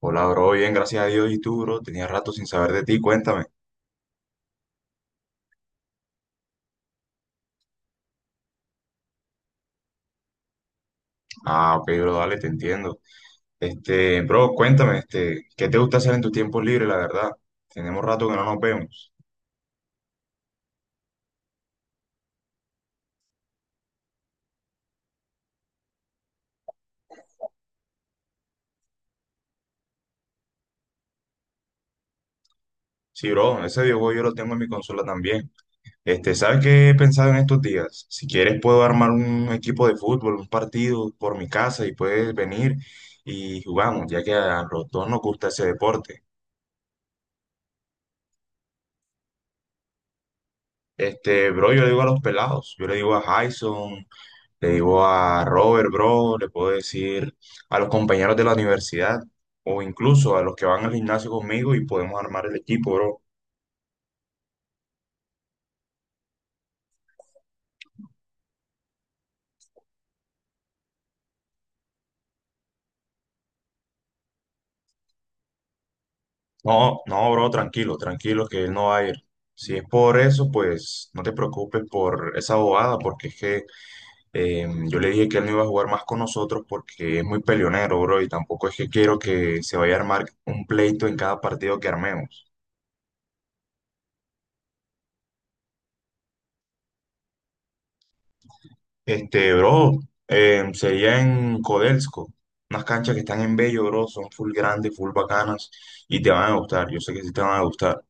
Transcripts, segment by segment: Hola, bro, bien, gracias a Dios. ¿Y tú, bro? Tenía rato sin saber de ti, cuéntame. Ah, ok, bro, dale, te entiendo. Este, bro, cuéntame, este, ¿qué te gusta hacer en tus tiempos libres, la verdad? Tenemos rato que no nos vemos. Sí, bro, ese videojuego yo lo tengo en mi consola también. Este, ¿sabes qué he pensado en estos días? Si quieres puedo armar un equipo de fútbol, un partido por mi casa y puedes venir y jugamos, ya que a los dos nos gusta ese deporte. Este, bro, yo le digo a los pelados, yo le digo a Jason, le digo a Robert, bro, le puedo decir a los compañeros de la universidad o incluso a los que van al gimnasio conmigo y podemos armar el equipo, bro. No, no, bro, tranquilo, tranquilo, que él no va a ir. Si es por eso, pues no te preocupes por esa bobada, porque es que yo le dije que él no iba a jugar más con nosotros porque es muy peleonero, bro, y tampoco es que quiero que se vaya a armar un pleito en cada partido que armemos. Este, bro, sería en Codelco, unas canchas que están en Bello, bro, son full grandes, full bacanas y te van a gustar, yo sé que sí te van a gustar.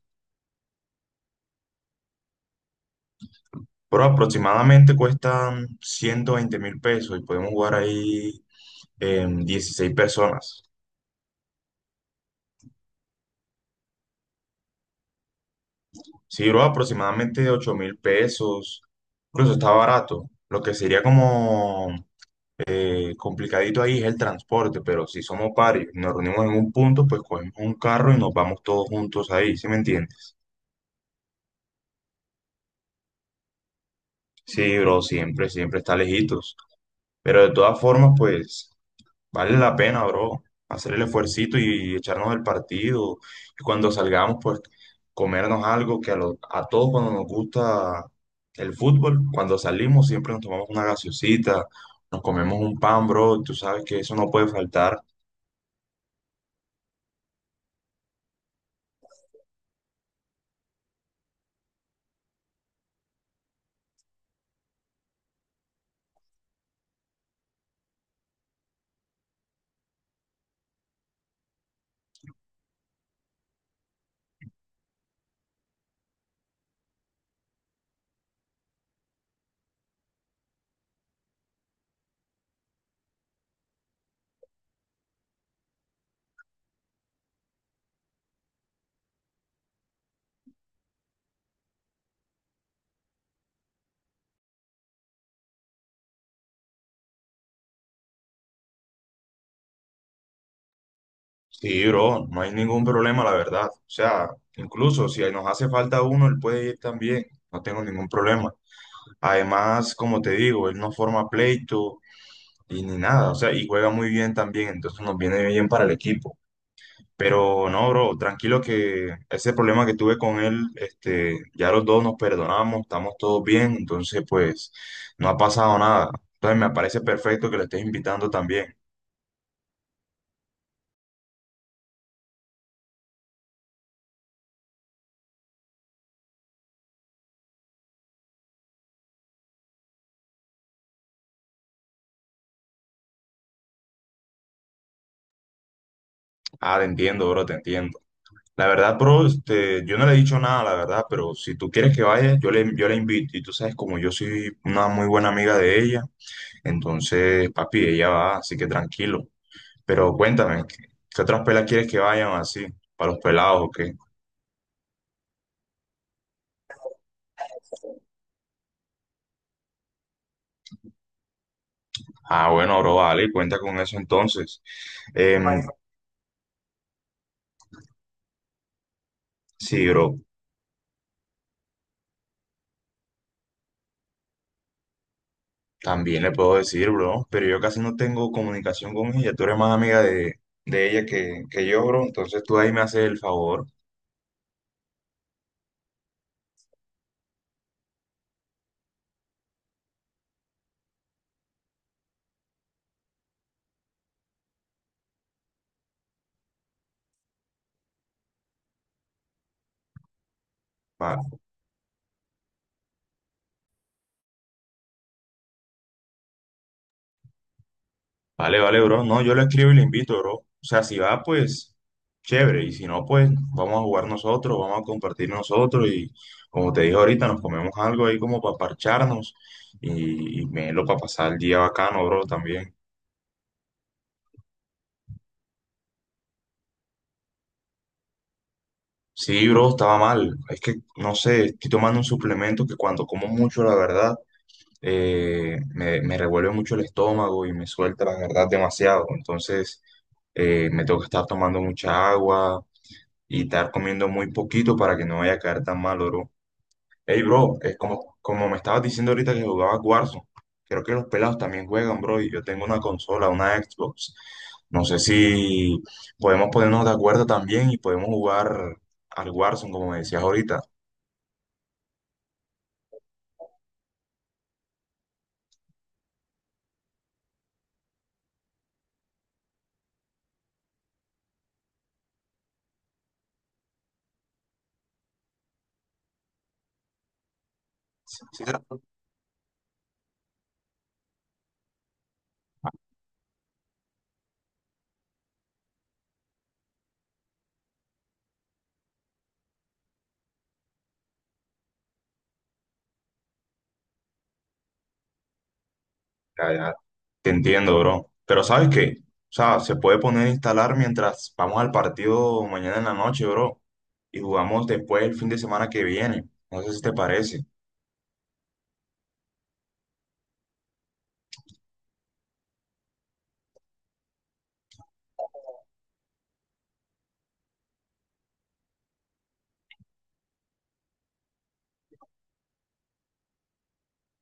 Pero aproximadamente cuestan 120.000 pesos y podemos jugar ahí 16 personas. Sí, bro, aproximadamente 8.000 pesos, incluso está barato. Lo que sería como complicadito ahí es el transporte, pero si somos varios, nos reunimos en un punto, pues cogemos un carro y nos vamos todos juntos ahí, ¿sí me entiendes? Sí, bro, siempre, siempre está lejitos. Pero de todas formas, pues, vale la pena, bro, hacer el esfuercito y echarnos el partido. Y cuando salgamos, pues, comernos algo que a todos cuando nos gusta el fútbol, cuando salimos siempre nos tomamos una gaseosita, nos comemos un pan, bro, y tú sabes que eso no puede faltar. Sí, bro, no hay ningún problema, la verdad. O sea, incluso si nos hace falta uno, él puede ir también. No tengo ningún problema. Además, como te digo, él no forma pleito y ni nada, o sea, y juega muy bien también, entonces nos viene bien para el equipo. Pero no, bro, tranquilo que ese problema que tuve con él, este, ya los dos nos perdonamos, estamos todos bien, entonces pues no ha pasado nada. Entonces me parece perfecto que lo estés invitando también. Ah, te entiendo, bro, te entiendo. La verdad, bro, este, yo no le he dicho nada, la verdad, pero si tú quieres que vaya, yo la invito. Y tú sabes, como yo soy una muy buena amiga de ella. Entonces, papi, ella va, así que tranquilo. Pero cuéntame, ¿qué otras pelas quieres que vayan así? ¿Para los pelados o qué? Ah, bueno, bro, vale, cuenta con eso entonces. Em, sí, bro, también le puedo decir, bro, pero yo casi no tengo comunicación con ella. Tú eres más amiga de ella que yo, bro. Entonces tú ahí me haces el favor. Vale. Vale, vale, bro. No, yo le escribo y le invito, bro. O sea, si va, pues chévere. Y si no, pues vamos a jugar nosotros, vamos a compartir nosotros. Y como te dije ahorita, nos comemos algo ahí como para parcharnos y melo para pasar el día bacano, bro, también. Sí, bro, estaba mal. Es que, no sé, estoy tomando un suplemento que cuando como mucho, la verdad, me revuelve mucho el estómago y me suelta, la verdad, demasiado. Entonces, me tengo que estar tomando mucha agua y estar comiendo muy poquito para que no vaya a caer tan mal, bro. Hey, bro, es como me estabas diciendo ahorita que jugabas Warzone, creo que los pelados también juegan, bro, y yo tengo una consola, una Xbox. No sé si podemos ponernos de acuerdo también y podemos jugar al Warzone, como me decías ahorita. Sí, ya, ya, te entiendo, bro. Pero ¿sabes qué? O sea, se puede poner a instalar mientras vamos al partido mañana en la noche, bro. Y jugamos después el fin de semana que viene. No sé si te parece.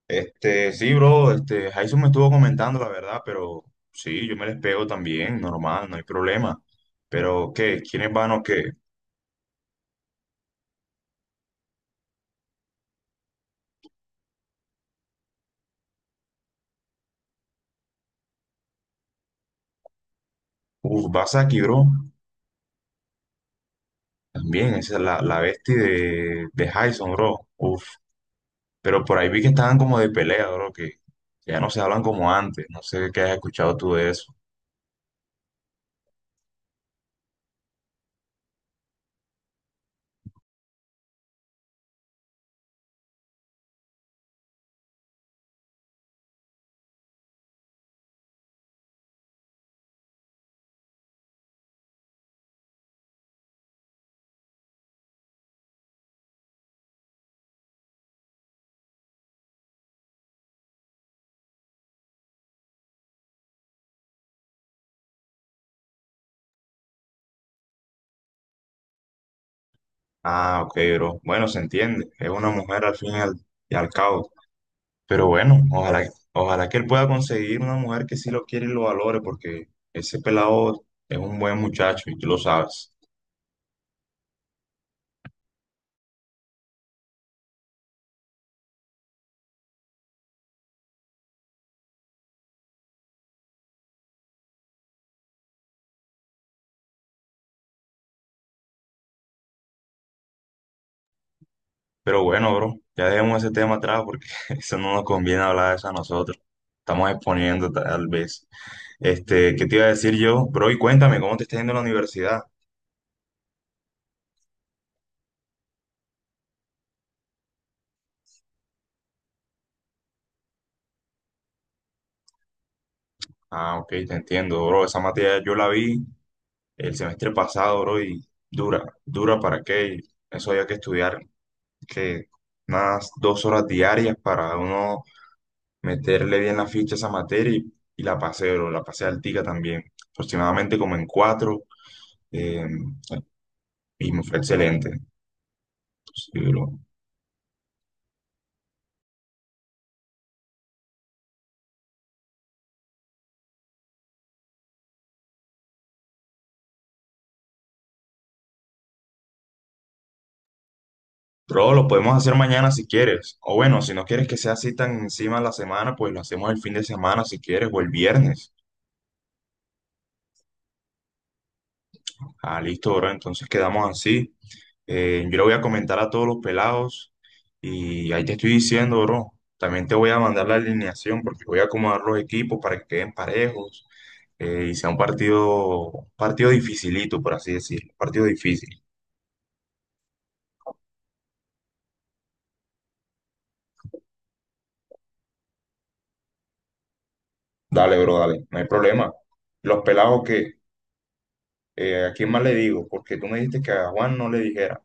Este, sí, bro, este, Jason me estuvo comentando la verdad, pero sí, yo me les pego también, normal, no hay problema. Pero, ¿qué? ¿Quiénes van o qué? Uf, Basaki, bro, también, esa es la bestia de Jason, bro. Uf, pero por ahí vi que estaban como de pelea, bro, que ya no se hablan como antes, no sé qué has escuchado tú de eso. Ah, ok, bro, bueno, se entiende, es una mujer al fin y al cabo. Pero bueno, ojalá, ojalá que él pueda conseguir una mujer que sí lo quiere y lo valore, porque ese pelado es un buen muchacho y tú lo sabes. Pero bueno, bro, ya dejemos ese tema atrás porque eso no nos conviene hablar de eso a nosotros. Estamos exponiendo tal vez. Este, ¿qué te iba a decir yo? Bro, y cuéntame, ¿cómo te está yendo en la universidad? Ah, ok, te entiendo, bro. Esa materia yo la vi el semestre pasado, bro, y dura, dura para qué. Eso había que estudiar, que unas 2 horas diarias para uno meterle bien la ficha a esa materia y la pasé, bro, la pasé altica también, aproximadamente como en cuatro, eh, y me fue excelente. Sí, bro. Bro, lo podemos hacer mañana si quieres, o bueno, si no quieres que sea así tan encima de la semana, pues lo hacemos el fin de semana si quieres, o el viernes. Ah, listo, bro, entonces quedamos así. Yo le voy a comentar a todos los pelados y ahí te estoy diciendo, bro. También te voy a mandar la alineación porque voy a acomodar los equipos para que queden parejos y sea un partido, partido dificilito, por así decirlo, partido difícil. Dale, bro, dale, no hay problema. Los pelados que, ¿a quién más le digo? Porque tú me dijiste que a Juan no le dijera.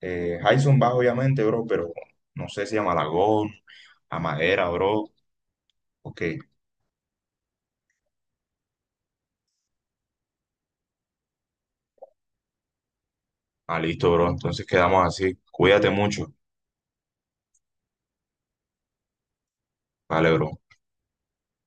Jason va, obviamente, bro, pero no sé si a Malagón, a Madera, bro. Ok, ah, listo, bro, entonces quedamos así. Cuídate mucho. Dale, bro.